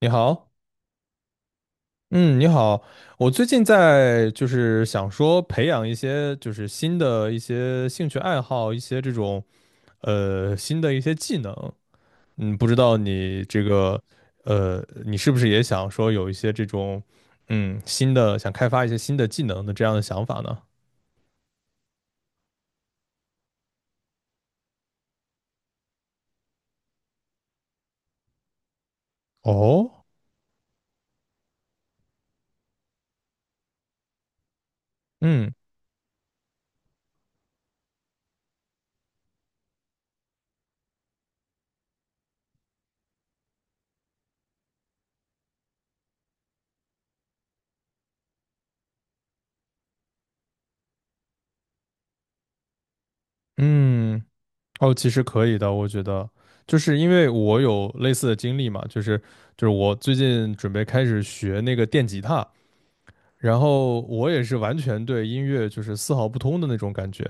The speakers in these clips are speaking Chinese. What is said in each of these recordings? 你好。嗯，你好。我最近在想说培养一些新的一些兴趣爱好，一些这种新的一些技能。不知道你这个你是不是也想说有一些这种新的想开发一些新的技能的这样的想法呢？哦，嗯嗯，哦，其实可以的，我觉得。就是因为我有类似的经历嘛。就是我最近准备开始学那个电吉他，然后我也是完全对音乐丝毫不通的那种感觉。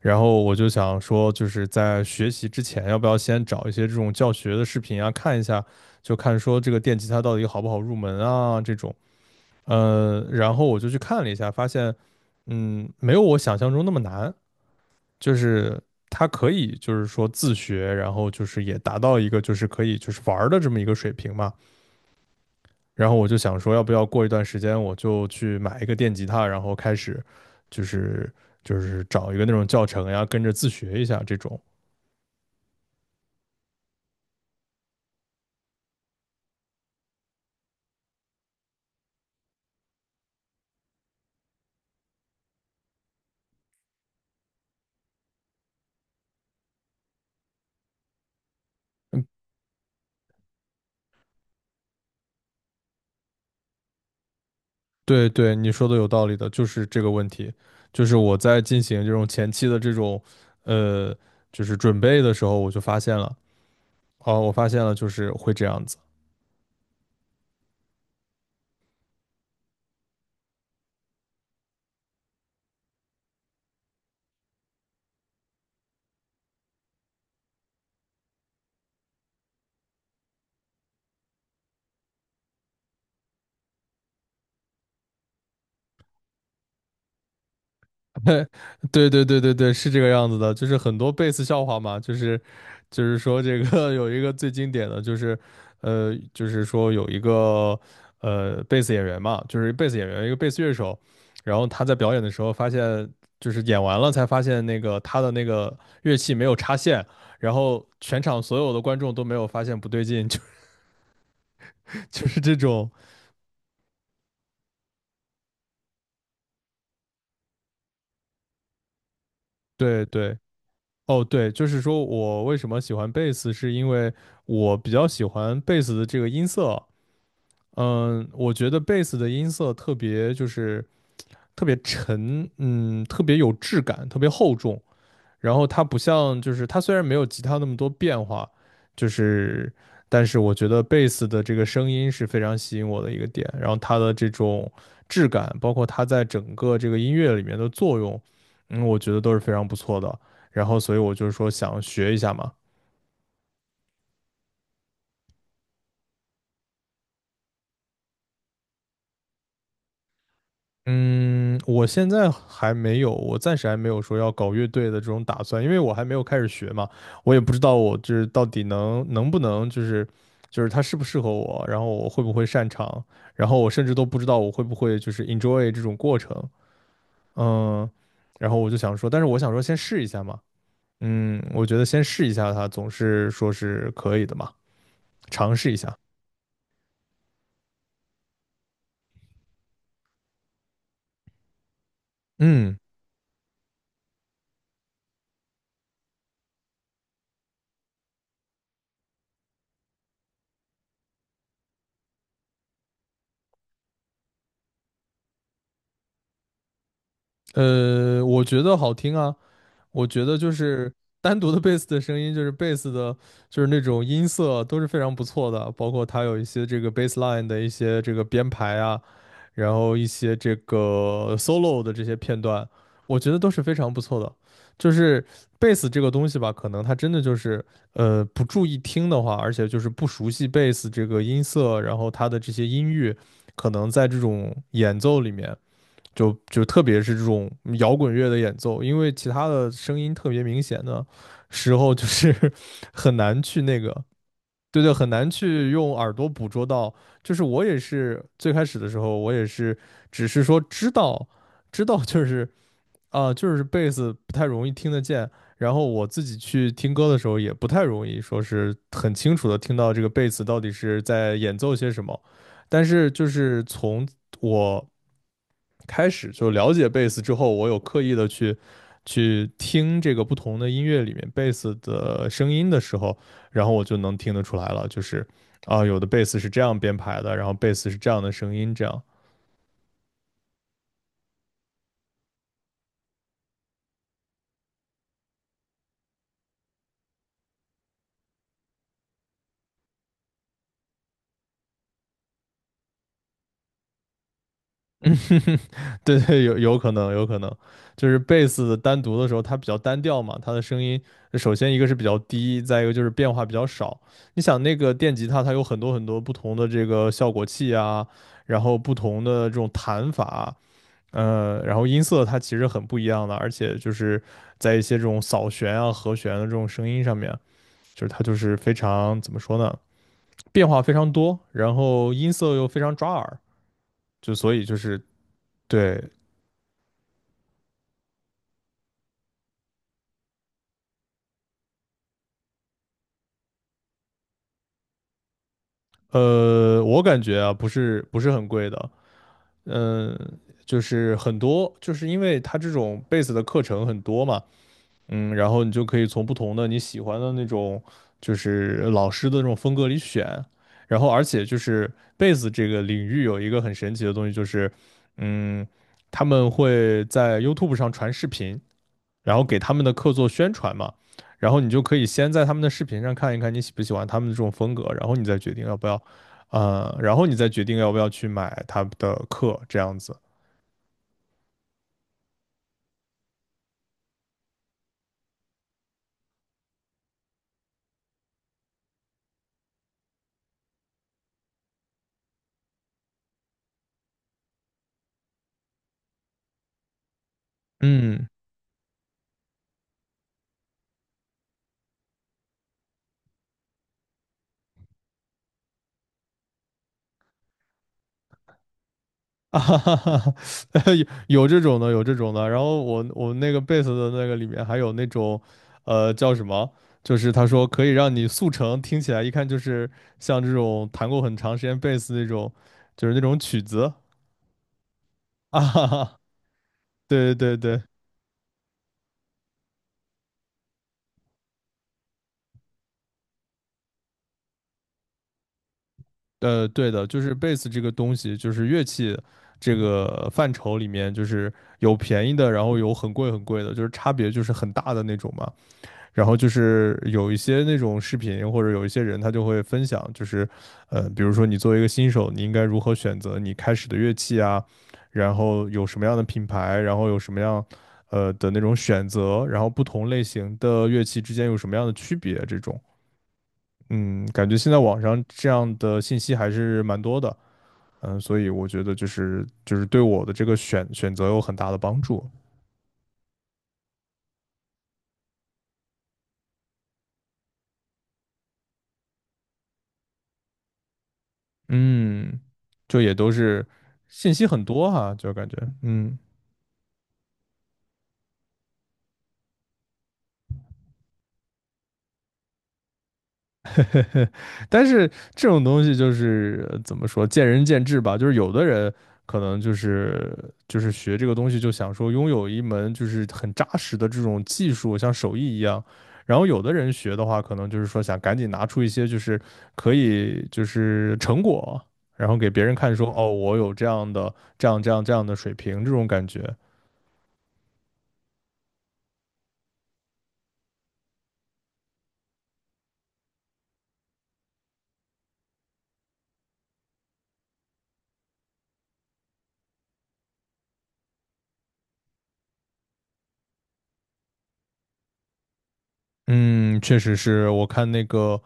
然后我就想说，在学习之前，要不要先找一些这种教学的视频啊，看一下，就看说这个电吉他到底好不好入门啊这种。然后我就去看了一下，发现，没有我想象中那么难。就是它可以说自学，然后也达到一个可以玩儿的这么一个水平嘛。然后我就想说，要不要过一段时间我就去买一个电吉他，然后开始就是找一个那种教程呀，跟着自学一下这种。嗯，对对，你说的有道理的。就是这个问题，我在进行这种前期的这种呃准备的时候，我就发现了。哦，我发现了，就是会这样子。对对对对对，是这个样子的，就是很多贝斯笑话嘛。就是说这个 有一个最经典的就是，就是说有一个贝斯演员嘛，就是贝斯演员一个贝斯乐手，然后他在表演的时候发现，就是演完了才发现那个他的那个乐器没有插线，然后全场所有的观众都没有发现不对劲。就是这种。对对。哦，对，就是说我为什么喜欢贝斯，是因为我比较喜欢贝斯的这个音色。嗯，我觉得贝斯的音色特别特别沉，嗯，特别有质感，特别厚重。然后它不像它虽然没有吉他那么多变化，就是但是我觉得贝斯的这个声音是非常吸引我的一个点。然后它的这种质感，包括它在整个这个音乐里面的作用，嗯，我觉得都是非常不错的。然后所以我说想学一下嘛。嗯，我现在还没有，我暂时还没有说要搞乐队的这种打算，因为我还没有开始学嘛。我也不知道我到底能不能它适不适合我，然后我会不会擅长，然后我甚至都不知道我会不会enjoy 这种过程。嗯，然后我就想说，但是我想说先试一下嘛。嗯，我觉得先试一下它总是说是可以的嘛，尝试一下。嗯，呃，我觉得好听啊。我觉得单独的贝斯的声音，就是贝斯的，就是那种音色都是非常不错的，包括它有一些这个 bass line 的一些这个编排啊，然后一些这个 solo 的这些片段，我觉得都是非常不错的。就是贝斯这个东西吧，可能它真的不注意听的话，而且不熟悉贝斯这个音色，然后它的这些音域，可能在这种演奏里面。就特别是这种摇滚乐的演奏，因为其他的声音特别明显的时候，就是 很难去那个。对对，很难去用耳朵捕捉到。就是我也是最开始的时候，我也是只是说知道，就是啊、就是贝斯不太容易听得见。然后我自己去听歌的时候，也不太容易说是很清楚的听到这个贝斯到底是在演奏些什么。但是从我开始就了解贝斯之后，我有刻意的去听这个不同的音乐里面贝斯的声音的时候，然后我就能听得出来了。就是啊，有的贝斯是这样编排的，然后贝斯是这样的声音，这样。嗯，对对，有可能，有可能。就是贝斯单独的时候，它比较单调嘛。它的声音首先一个是比较低，再一个就是变化比较少。你想那个电吉他，它有很多很多不同的这个效果器啊，然后不同的这种弹法啊。呃，然后音色它其实很不一样的，而且在一些这种扫弦啊、和弦的这种声音上面，它就是非常怎么说呢，变化非常多，然后音色又非常抓耳。所以对。呃，我感觉啊，不是很贵的。嗯、就是很多，就是因为它这种贝斯的课程很多嘛。嗯，然后你就可以从不同的你喜欢的那种，就是老师的这种风格里选。然后而且贝斯这个领域有一个很神奇的东西，就是嗯，他们会在 YouTube 上传视频，然后给他们的课做宣传嘛。然后你就可以先在他们的视频上看一看你喜不喜欢他们的这种风格，然后你再决定要不要，然后你再决定要不要去买他们的课，这样子。嗯。啊哈哈哈，有有这种的，有这种的。然后我那个贝斯的那个里面还有那种，呃，叫什么？就是他说可以让你速成，听起来一看就是像这种弹过很长时间贝斯那种，就是那种曲子。啊哈哈。对对对。呃，对的，就是贝斯这个东西，就是乐器这个范畴里面，就是有便宜的，然后有很贵很贵的，就是差别很大的那种嘛。然后有一些那种视频或者有一些人他就会分享，就是呃，比如说你作为一个新手，你应该如何选择你开始的乐器啊，然后有什么样的品牌，然后有什么样的那种选择，然后不同类型的乐器之间有什么样的区别这种。嗯，感觉现在网上这样的信息还是蛮多的。嗯，所以我觉得对我的这个选择有很大的帮助。嗯，就也都是信息很多哈、就感觉，嗯，但是这种东西就是怎么说，见仁见智吧。就是有的人可能学这个东西，就想说拥有一门很扎实的这种技术，像手艺一样。然后有的人学的话，可能就是说想赶紧拿出一些可以成果，然后给别人看说，哦，我有这样的这样的水平这种感觉。嗯，确实是。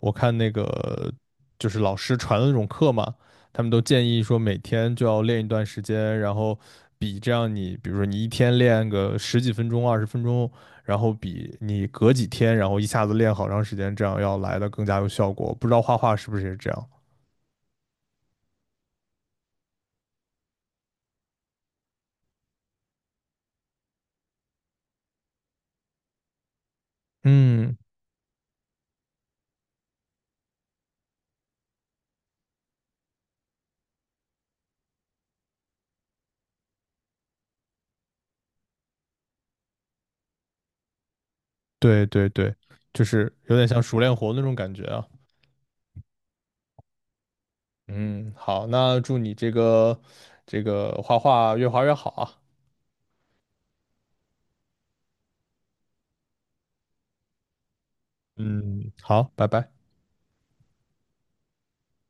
我看那个，就是老师传的那种课嘛，他们都建议说每天就要练一段时间，然后这样你，比如说你一天练个十几分钟、20分钟，然后比你隔几天，然后一下子练好长时间，这样要来的更加有效果。不知道画画是不是也是这样？嗯，对对对，就是有点像熟练活那种感觉啊。嗯，好，那祝你这个画画越画越好啊。嗯，好，拜拜。